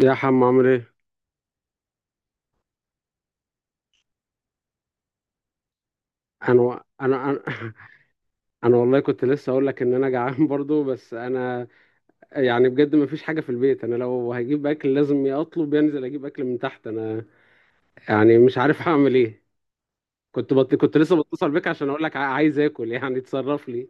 يا حم، عامل ايه؟ انا انا والله كنت لسه اقول لك ان انا جعان برضو، بس انا يعني بجد ما فيش حاجه في البيت. انا لو هجيب اكل لازم يا اطلب يا انزل اجيب اكل من تحت. انا يعني مش عارف هعمل ايه. كنت لسه بتصل بيك عشان اقول لك عايز اكل، يعني تصرف لي.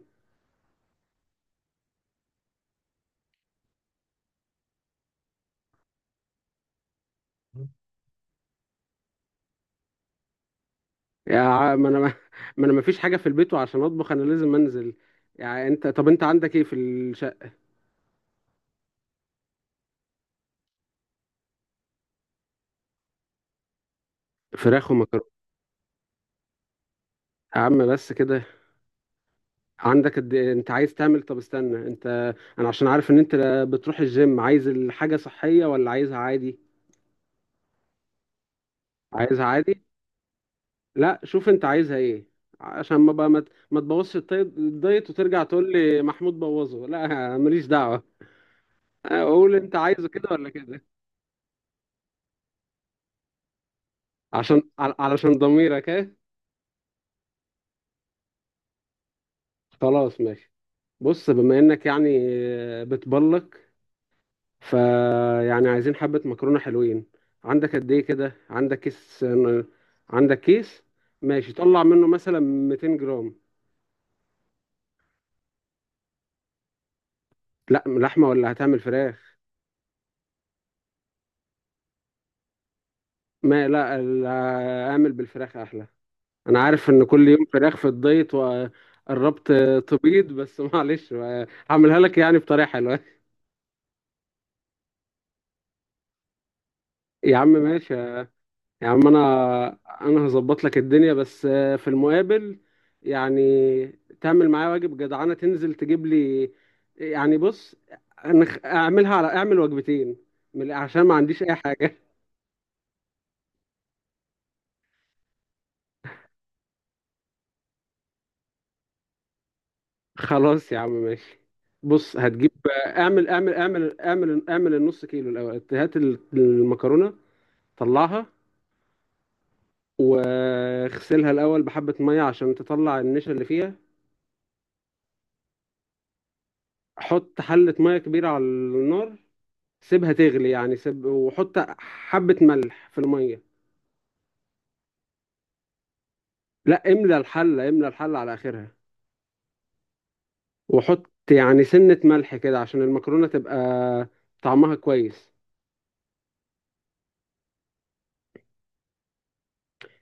ما انا ما. انا ما فيش حاجه في البيت، وعشان اطبخ انا لازم انزل. يعني انت، طب انت عندك ايه في الشقه؟ فراخ ومكرونه؟ يا عم، بس كده. عندك قد إيه؟ انت عايز تعمل، طب استنى انت. انا عشان عارف ان انت بتروح الجيم، عايز الحاجة صحية ولا عايزها عادي؟ عايزها عادي؟ لا، شوف انت عايزها ايه، عشان ما بقى ما تبوظش الدايت وترجع تقول لي محمود بوظه، لا. ماليش دعوة. اقول انت عايزه كده ولا كده؟ علشان ضميرك ايه. خلاص ماشي. بص، بما انك يعني بتبلك، فيعني عايزين حبة مكرونة حلوين. عندك قد ايه كده؟ عندك كيس؟ عندك كيس. ماشي، طلع منه مثلا 200 جرام. لا لحمة، ولا هتعمل فراخ؟ ما لا، اعمل بالفراخ احلى. انا عارف ان كل يوم فراخ في الدايت، وقربت تبيض، بس معلش. هعملها لك يعني بطريقة حلوة. يا عم، ماشي. يا عم، انا هظبط لك الدنيا، بس في المقابل، يعني تعمل معايا واجب جدعانه، تنزل تجيب لي. يعني بص، اعمل وجبتين، عشان ما عنديش اي حاجه. خلاص يا عم، ماشي. بص، هتجيب. اعمل النص كيلو الاول، هات المكرونه. طلعها واغسلها الاول بحبه ميه عشان تطلع النشا اللي فيها. حط حله ميه كبيره على النار، سيبها تغلي، يعني سيب وحط حبة ملح في المية. لا، املى الحلة على آخرها. وحط يعني سنة ملح كده عشان المكرونة تبقى طعمها كويس.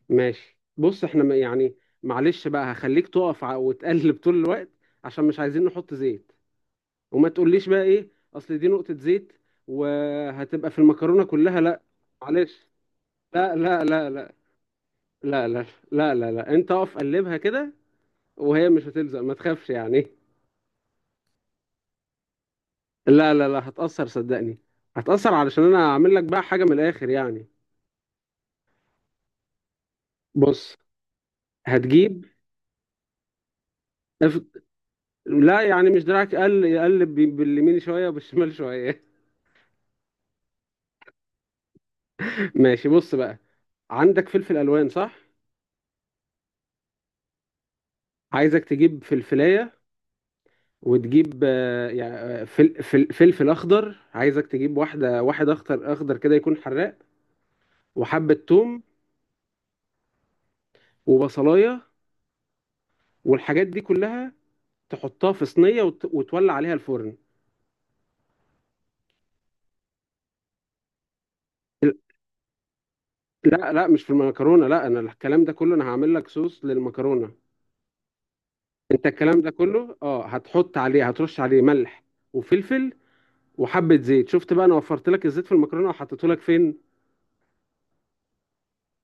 ماشي بص، احنا يعني معلش بقى هخليك تقف وتقلب طول الوقت، عشان مش عايزين نحط زيت. وما تقوليش بقى ايه، اصل دي نقطة زيت وهتبقى في المكرونة كلها، لا. معلش. لا، لا، لا، لا، لا، لا، لا، لا. لا، انت اقف قلبها كده، وهي مش هتلزق، ما تخافش يعني. لا، لا، لا، هتأثر صدقني. هتأثر علشان انا هعمل لك بقى حاجة من الاخر يعني. بص، هتجيب. اف- لا، يعني مش دراعك قل، يقلب باليمين شوية وبالشمال شوية. ماشي بص بقى. عندك فلفل الوان، صح؟ عايزك تجيب فلفلاية، وتجيب يعني فلفل اخضر، عايزك تجيب واحد اخضر اخضر كده يكون حراق، وحبة توم، وبصلاية. والحاجات دي كلها تحطها في صينية وتولع عليها الفرن. لا لا، مش في المكرونه، لا، انا الكلام ده كله انا هعمل لك صوص للمكرونه. انت الكلام ده كله، اه، هتحط عليه هترش عليه ملح وفلفل وحبه زيت. شفت بقى، انا وفرت لك الزيت في المكرونه وحطيته لك فين؟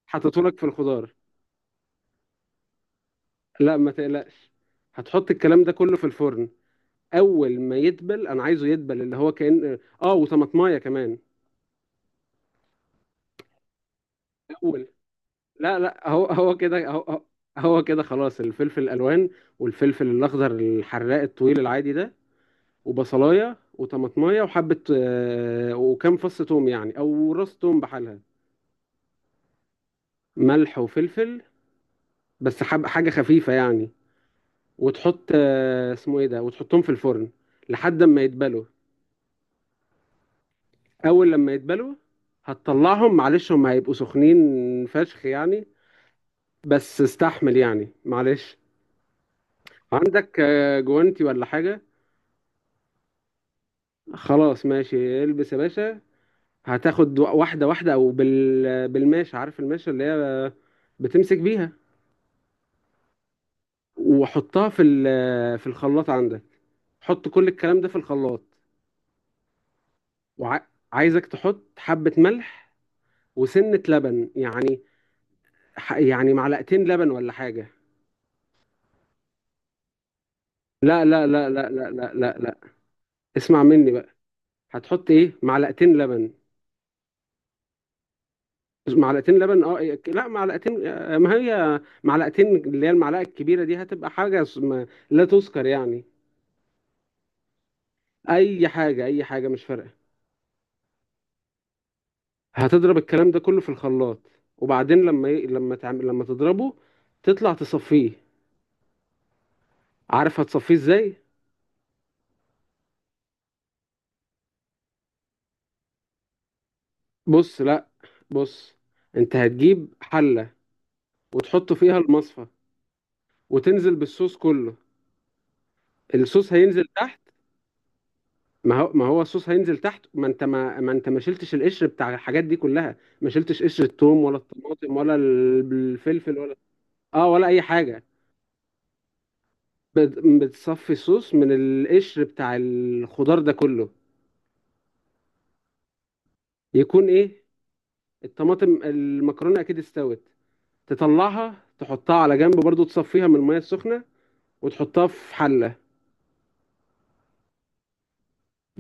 حطيته لك في الخضار. لا ما تقلقش، هتحط الكلام ده كله في الفرن. اول ما يدبل، انا عايزه يدبل اللي هو كأن اه، وطماطمايه كمان. اول لا لا، هو كده، هو كده، خلاص. الفلفل الالوان، والفلفل الاخضر الحراق الطويل العادي ده، وبصلايه وطماطمايه وحبه وكام فص توم، يعني او راس توم بحالها. ملح وفلفل، بس حب حاجه خفيفه يعني. وتحط اسمه ايه ده، وتحطهم في الفرن لحد ما يتبلوا. اول لما يتبلوا هتطلعهم، معلش هم هيبقوا سخنين فشخ يعني، بس استحمل يعني معلش. عندك جوانتي ولا حاجه؟ خلاص ماشي، البس يا باشا. هتاخد واحده واحده، او بالماشه، عارف الماشه اللي هي بتمسك بيها؟ وحطها في الخلاط عندك. حط كل الكلام ده في الخلاط، وعايزك تحط حبة ملح وسنة لبن يعني، يعني معلقتين لبن ولا حاجة. لا، لا، لا، لا، لا، لا، لا، لا، اسمع مني بقى. هتحط ايه؟ معلقتين لبن. معلقتين لبن، اه، إيه، لا معلقتين، ما هي معلقتين اللي هي المعلقة الكبيرة دي، هتبقى حاجة لا تذكر يعني. اي حاجة، اي حاجة مش فارقة. هتضرب الكلام ده كله في الخلاط، وبعدين لما ي... لما تعمل لما تضربه، تطلع تصفيه. عارف هتصفيه ازاي؟ بص لا، بص، انت هتجيب حلة وتحط فيها المصفى وتنزل بالصوص كله. الصوص هينزل تحت. ما هو الصوص هينزل تحت، ما انت، ما شلتش القشر بتاع الحاجات دي كلها، ما شلتش قشر الثوم ولا الطماطم ولا الفلفل ولا، اه، ولا اي حاجة. بتصفي الصوص من القشر بتاع الخضار ده كله، يكون ايه الطماطم. المكرونه اكيد استوت، تطلعها تحطها على جنب برضو، تصفيها من الميه السخنه وتحطها في حله،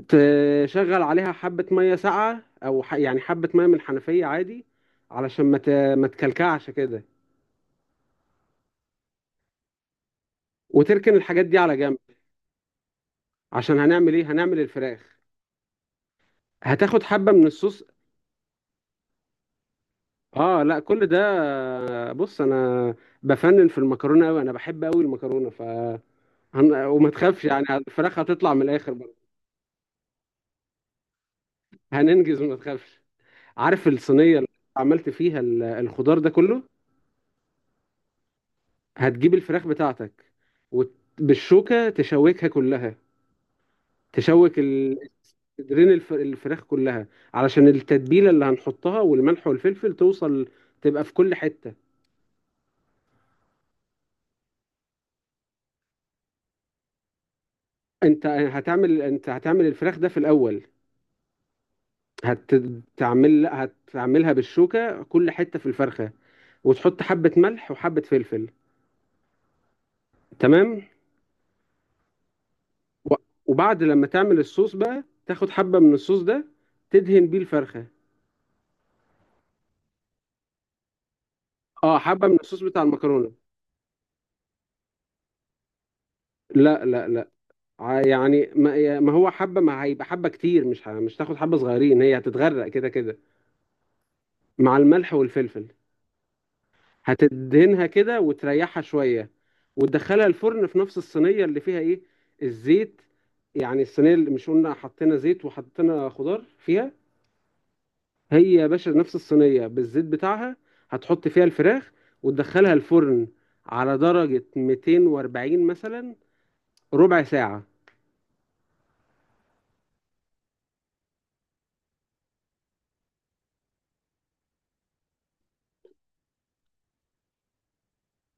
تشغل عليها حبه ميه ساقعه او يعني حبه ميه من الحنفيه عادي علشان ما تكلكعش كده، وتركن الحاجات دي على جنب. عشان هنعمل ايه؟ هنعمل الفراخ. هتاخد حبه من الصوص. اه لا، كل ده، بص انا بفنن في المكرونه قوي، انا بحب قوي المكرونه. ف وما تخافش يعني، الفراخ هتطلع من الاخر برضه. هننجز وما تخافش. عارف الصينية اللي عملت فيها الخضار ده كله؟ هتجيب الفراخ بتاعتك، وبالشوكة تشوكها كلها، تشوك صدرين الفراخ كلها، علشان التتبيلة اللي هنحطها والملح والفلفل توصل، تبقى في كل حتة. انت هتعمل الفراخ ده في الأول. هتعمل هتعملها بالشوكة كل حتة في الفرخة، وتحط حبة ملح وحبة فلفل. تمام. و- وبعد لما تعمل الصوص بقى، تاخد حبة من الصوص ده، تدهن بيه الفرخة. اه، حبة من الصوص بتاع المكرونة. لا، لا، لا، يعني، ما هو حبة، ما هيبقى حبة كتير، مش تاخد حبة صغيرين، هي هتتغرق كده كده مع الملح والفلفل. هتدهنها كده وتريحها شوية، وتدخلها الفرن في نفس الصينية اللي فيها ايه، الزيت. يعني الصينية اللي مش قلنا حطينا زيت وحطينا خضار فيها، هي يا باشا نفس الصينية بالزيت بتاعها. هتحط فيها الفراخ وتدخلها الفرن على درجة 240 مثلا، ربع ساعة.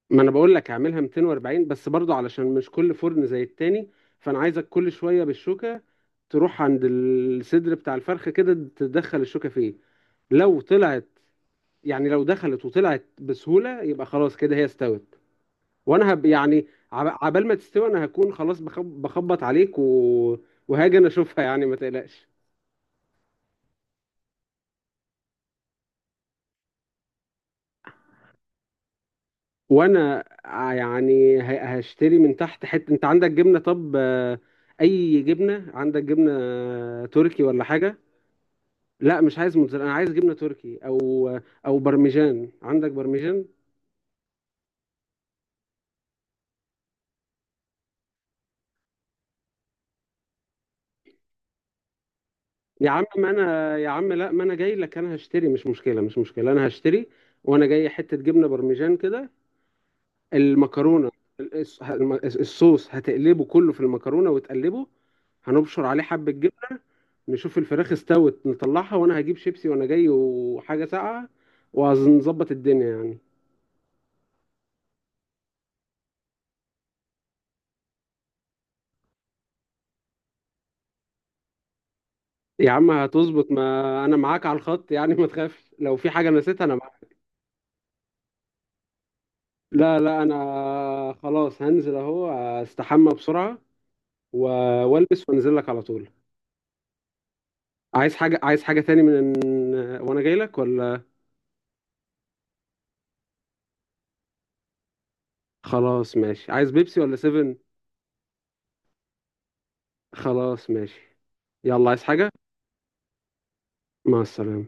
ما انا بقول لك اعملها 240 بس، برضو علشان مش كل فرن زي التاني. فانا عايزك كل شوية بالشوكة، تروح عند الصدر بتاع الفرخة كده، تدخل الشوكة فيه. لو طلعت يعني، لو دخلت وطلعت بسهولة، يبقى خلاص كده هي استوت. وانا يعني عبال ما تستوي انا هكون خلاص، بخبط عليك وهاجي انا اشوفها. يعني ما تقلقش. وانا يعني هشتري من تحت حته. انت عندك جبنه؟ طب اي جبنه، عندك جبنه تركي ولا حاجه؟ لا، مش عايز موتزاريلا، انا عايز جبنه تركي، او برمجان. عندك برمجان؟ يا عم، ما انا يا عم، لا، ما انا جاي لك، انا هشتري، مش مشكله مش مشكله، انا هشتري، وانا جاي حته جبنه برمجان كده. المكرونه، الص- الصوص هتقلبه كله في المكرونه وتقلبه، هنبشر عليه حبه جبنه. نشوف الفراخ استوت نطلعها، وانا هجيب شيبسي وانا جاي وحاجه ساقعه، وهنظبط الدنيا يعني. يا عم، هتظبط، ما انا معاك على الخط يعني، ما تخافش، لو في حاجه نسيتها انا معاك. لا لا، انا خلاص هنزل اهو، استحمى بسرعه والبس وانزل لك على طول. عايز حاجه، تاني من، وانا جاي لك، ولا؟ خلاص ماشي، عايز بيبسي ولا سيفن؟ خلاص ماشي، يلا، عايز حاجة؟ مع السلامة.